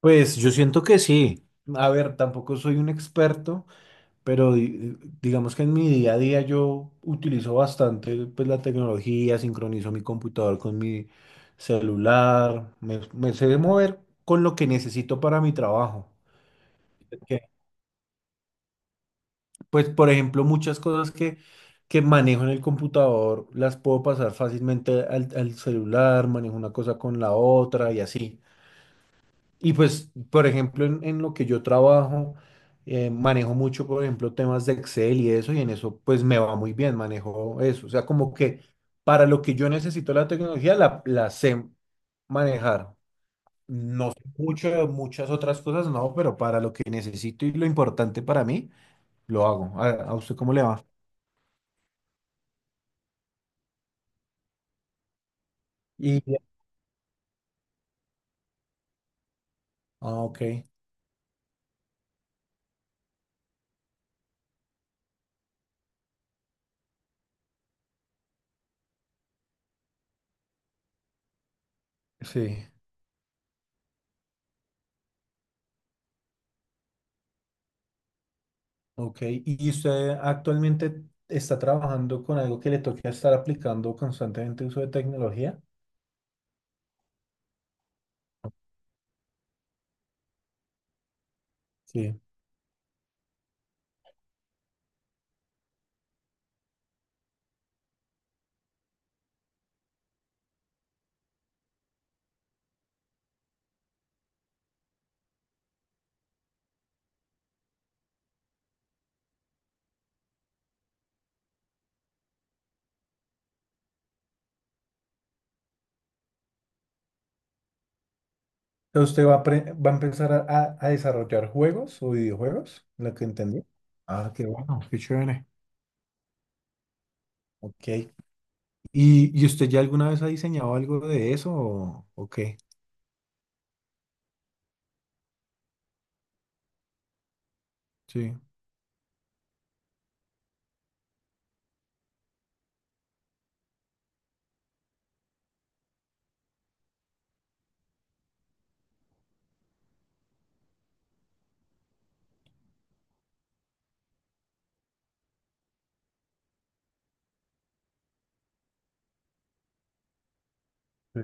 Pues yo siento que sí. A ver, tampoco soy un experto, pero digamos que en mi día a día yo utilizo bastante, pues, la tecnología. Sincronizo mi computador con mi celular, me sé mover con lo que necesito para mi trabajo. Que... Pues, por ejemplo, muchas que manejo en el computador las puedo pasar fácilmente al celular, manejo una cosa con la otra y así. Y pues, por ejemplo, en lo que yo trabajo, manejo mucho, por ejemplo, temas de Excel y eso, y en eso pues me va muy bien, manejo eso. O sea, como que para lo que yo necesito la tecnología, la sé manejar. No sé mucho de muchas otras cosas, no, pero para lo que necesito y lo importante para mí, lo hago. A usted cómo le va? Y, ah, ok, sí, ok. ¿Y usted actualmente está trabajando con algo que le toque estar aplicando constantemente uso de tecnología? Sí. Entonces, ¿usted va a, va a empezar a desarrollar juegos o videojuegos? Lo que entendí. Ah, qué bueno, qué chévere. Ok. Y usted ya alguna vez ha diseñado algo de eso o qué? Sí. Sí.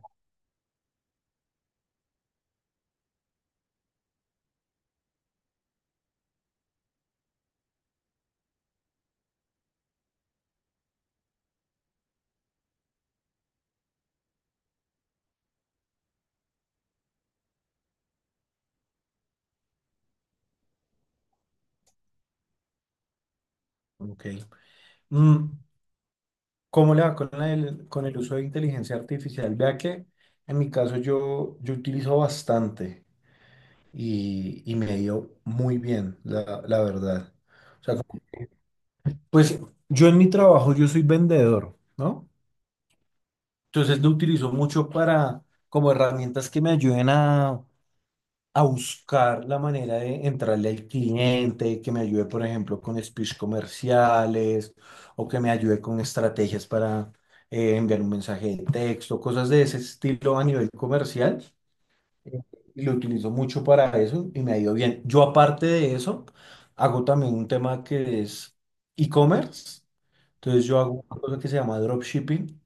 Ok. Mm, ¿cómo le va con el uso de inteligencia artificial? Vea que en mi caso yo, yo utilizo bastante y me ha ido muy bien, la verdad. O sea, pues yo en mi trabajo yo soy vendedor, ¿no? Entonces lo utilizo mucho para, como herramientas que me ayuden a buscar la manera de entrarle al cliente, que me ayude, por ejemplo, con speech comerciales o que me ayude con estrategias para enviar un mensaje de texto, cosas de ese estilo a nivel comercial. eh, Y lo utilizo mucho para eso y me ha ido bien. Yo aparte de eso, hago también un tema que es e-commerce. Entonces yo hago una cosa que se llama dropshipping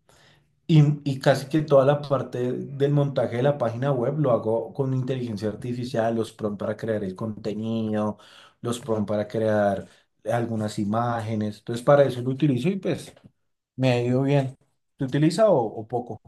y casi que toda la parte del montaje de la página web lo hago con inteligencia artificial, los prompts para crear el contenido, los prompts para crear algunas imágenes. Entonces, para eso lo utilizo y pues me ha ido bien. ¿Se utiliza o poco?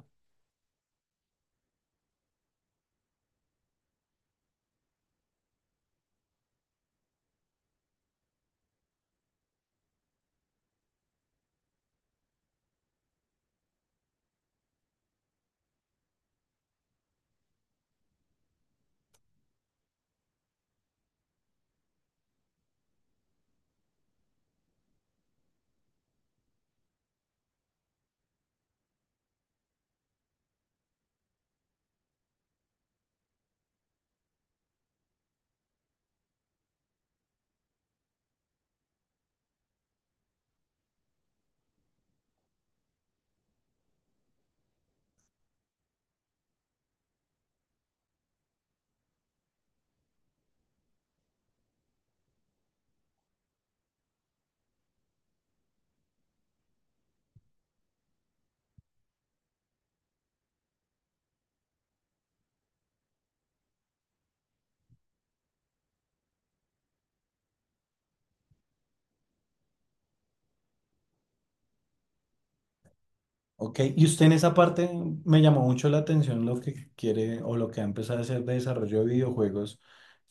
Ok. Y usted en esa parte me llamó mucho la atención lo que quiere o lo que ha empezado a hacer de desarrollo de videojuegos.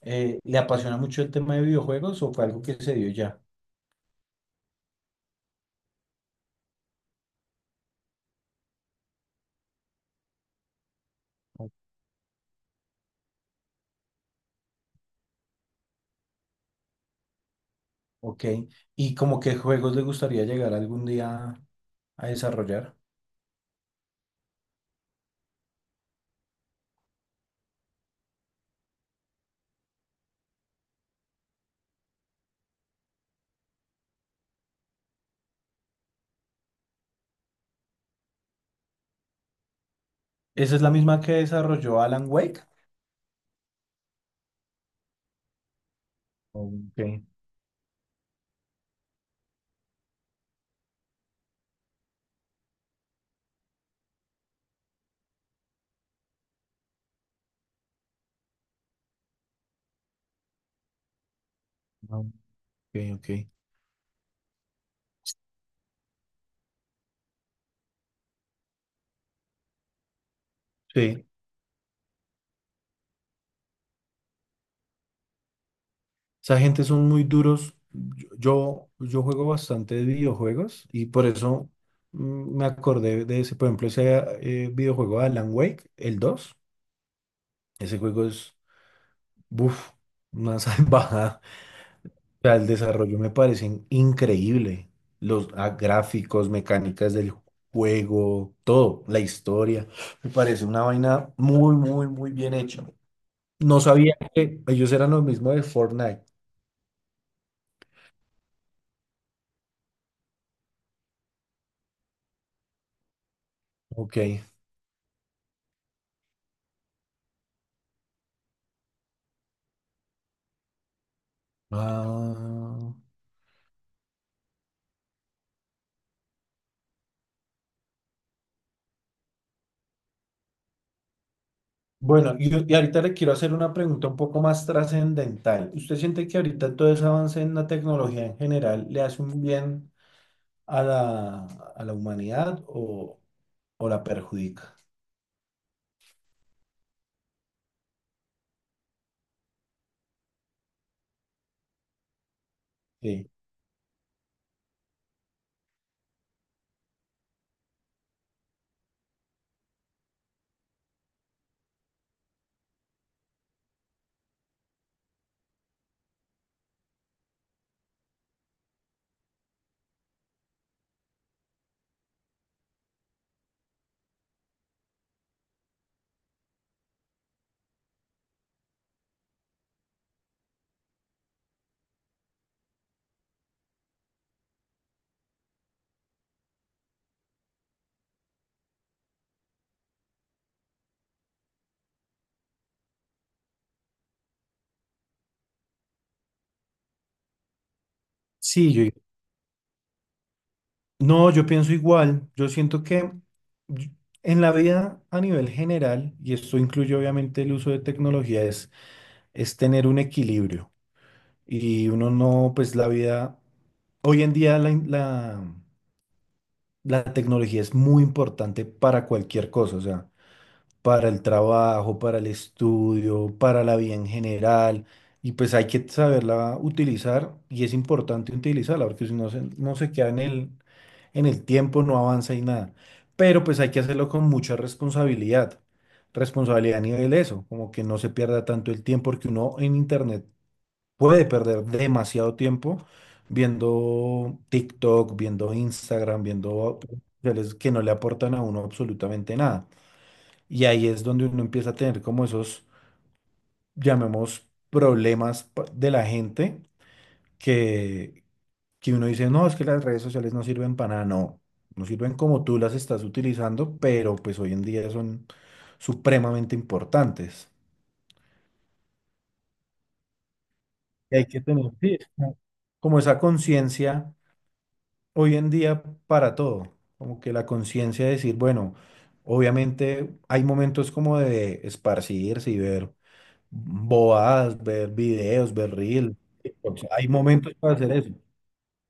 ¿Le apasiona mucho el tema de videojuegos o fue algo que se dio ya? Ok. ¿Y como qué juegos le gustaría llegar algún día a desarrollar? ¿Esa es la misma que desarrolló Alan Wake? Ok, ok, ok. Sí, esa gente son muy duros. Yo juego bastante de videojuegos y por eso, mm, me acordé de ese, por ejemplo, ese, videojuego de Alan Wake, el dos. Ese juego es, buf, una salvajada. Sea, el desarrollo me parecen increíble. Los, ah, gráficos, mecánicas del juego, todo, la historia. Me parece una vaina muy, muy, muy bien hecha. No sabía que ellos eran los mismos de Fortnite. Ok. Ah, bueno, y ahorita le quiero hacer una pregunta un poco más trascendental. ¿Usted siente que ahorita todo ese avance en la tecnología en general le hace un bien a la, a la humanidad o la perjudica? Sí. Sí, yo... No, yo pienso igual. Yo siento que y- en la vida a nivel general, y esto incluye obviamente el uso de tecnología, es tener un equilibrio. Y uno no, pues la vida, hoy en día la tecnología es muy importante para cualquier cosa. O sea, para el trabajo, para el estudio, para la vida en general. Y pues hay que saberla utilizar y es importante utilizarla porque si no se queda en el tiempo, no avanza y nada. Pero pues hay que hacerlo con mucha responsabilidad. Responsabilidad a nivel eso, como que no se pierda tanto el tiempo porque uno en internet puede perder demasiado tiempo viendo TikTok, viendo Instagram, viendo redes que no le aportan a uno absolutamente nada. Y ahí es donde uno empieza a tener como esos, llamemos, problemas de la gente que, que uno dice, no, es que las redes sociales no sirven para nada, no, no sirven como tú las estás utilizando, pero pues hoy en día son supremamente importantes. Y hay que tener, sí, es como como esa conciencia hoy en día para todo, como que la conciencia de decir, bueno, obviamente hay momentos como de esparcirse y ver bobadas, ver videos, ver reels. TikToks. Hay momentos para hacer eso,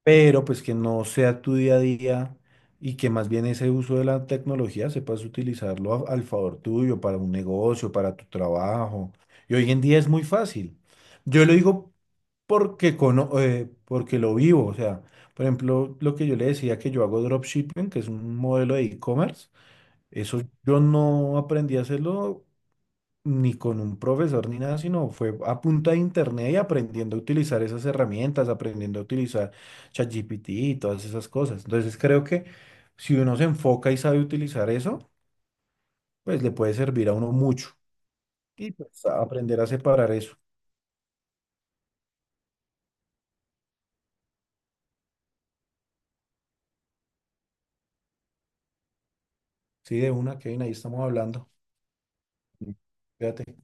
pero pues que no sea tu día a día y que más bien ese uso de la tecnología sepas utilizarlo al favor tuyo, para un negocio, para tu trabajo. Y hoy en día es muy fácil. Yo lo digo porque, porque lo vivo, o sea, por ejemplo, lo que yo le decía que yo hago dropshipping, que es un modelo de e-commerce, eso yo no aprendí a hacerlo ni con un profesor ni nada, sino fue a punta de internet y aprendiendo a utilizar esas herramientas, aprendiendo a utilizar ChatGPT y todas esas cosas. Entonces creo que si uno se enfoca y sabe utilizar eso, pues le puede servir a uno mucho. Y pues aprender a separar eso. Sí, de una, Kevin, ahí estamos hablando. Sí. Fíjate.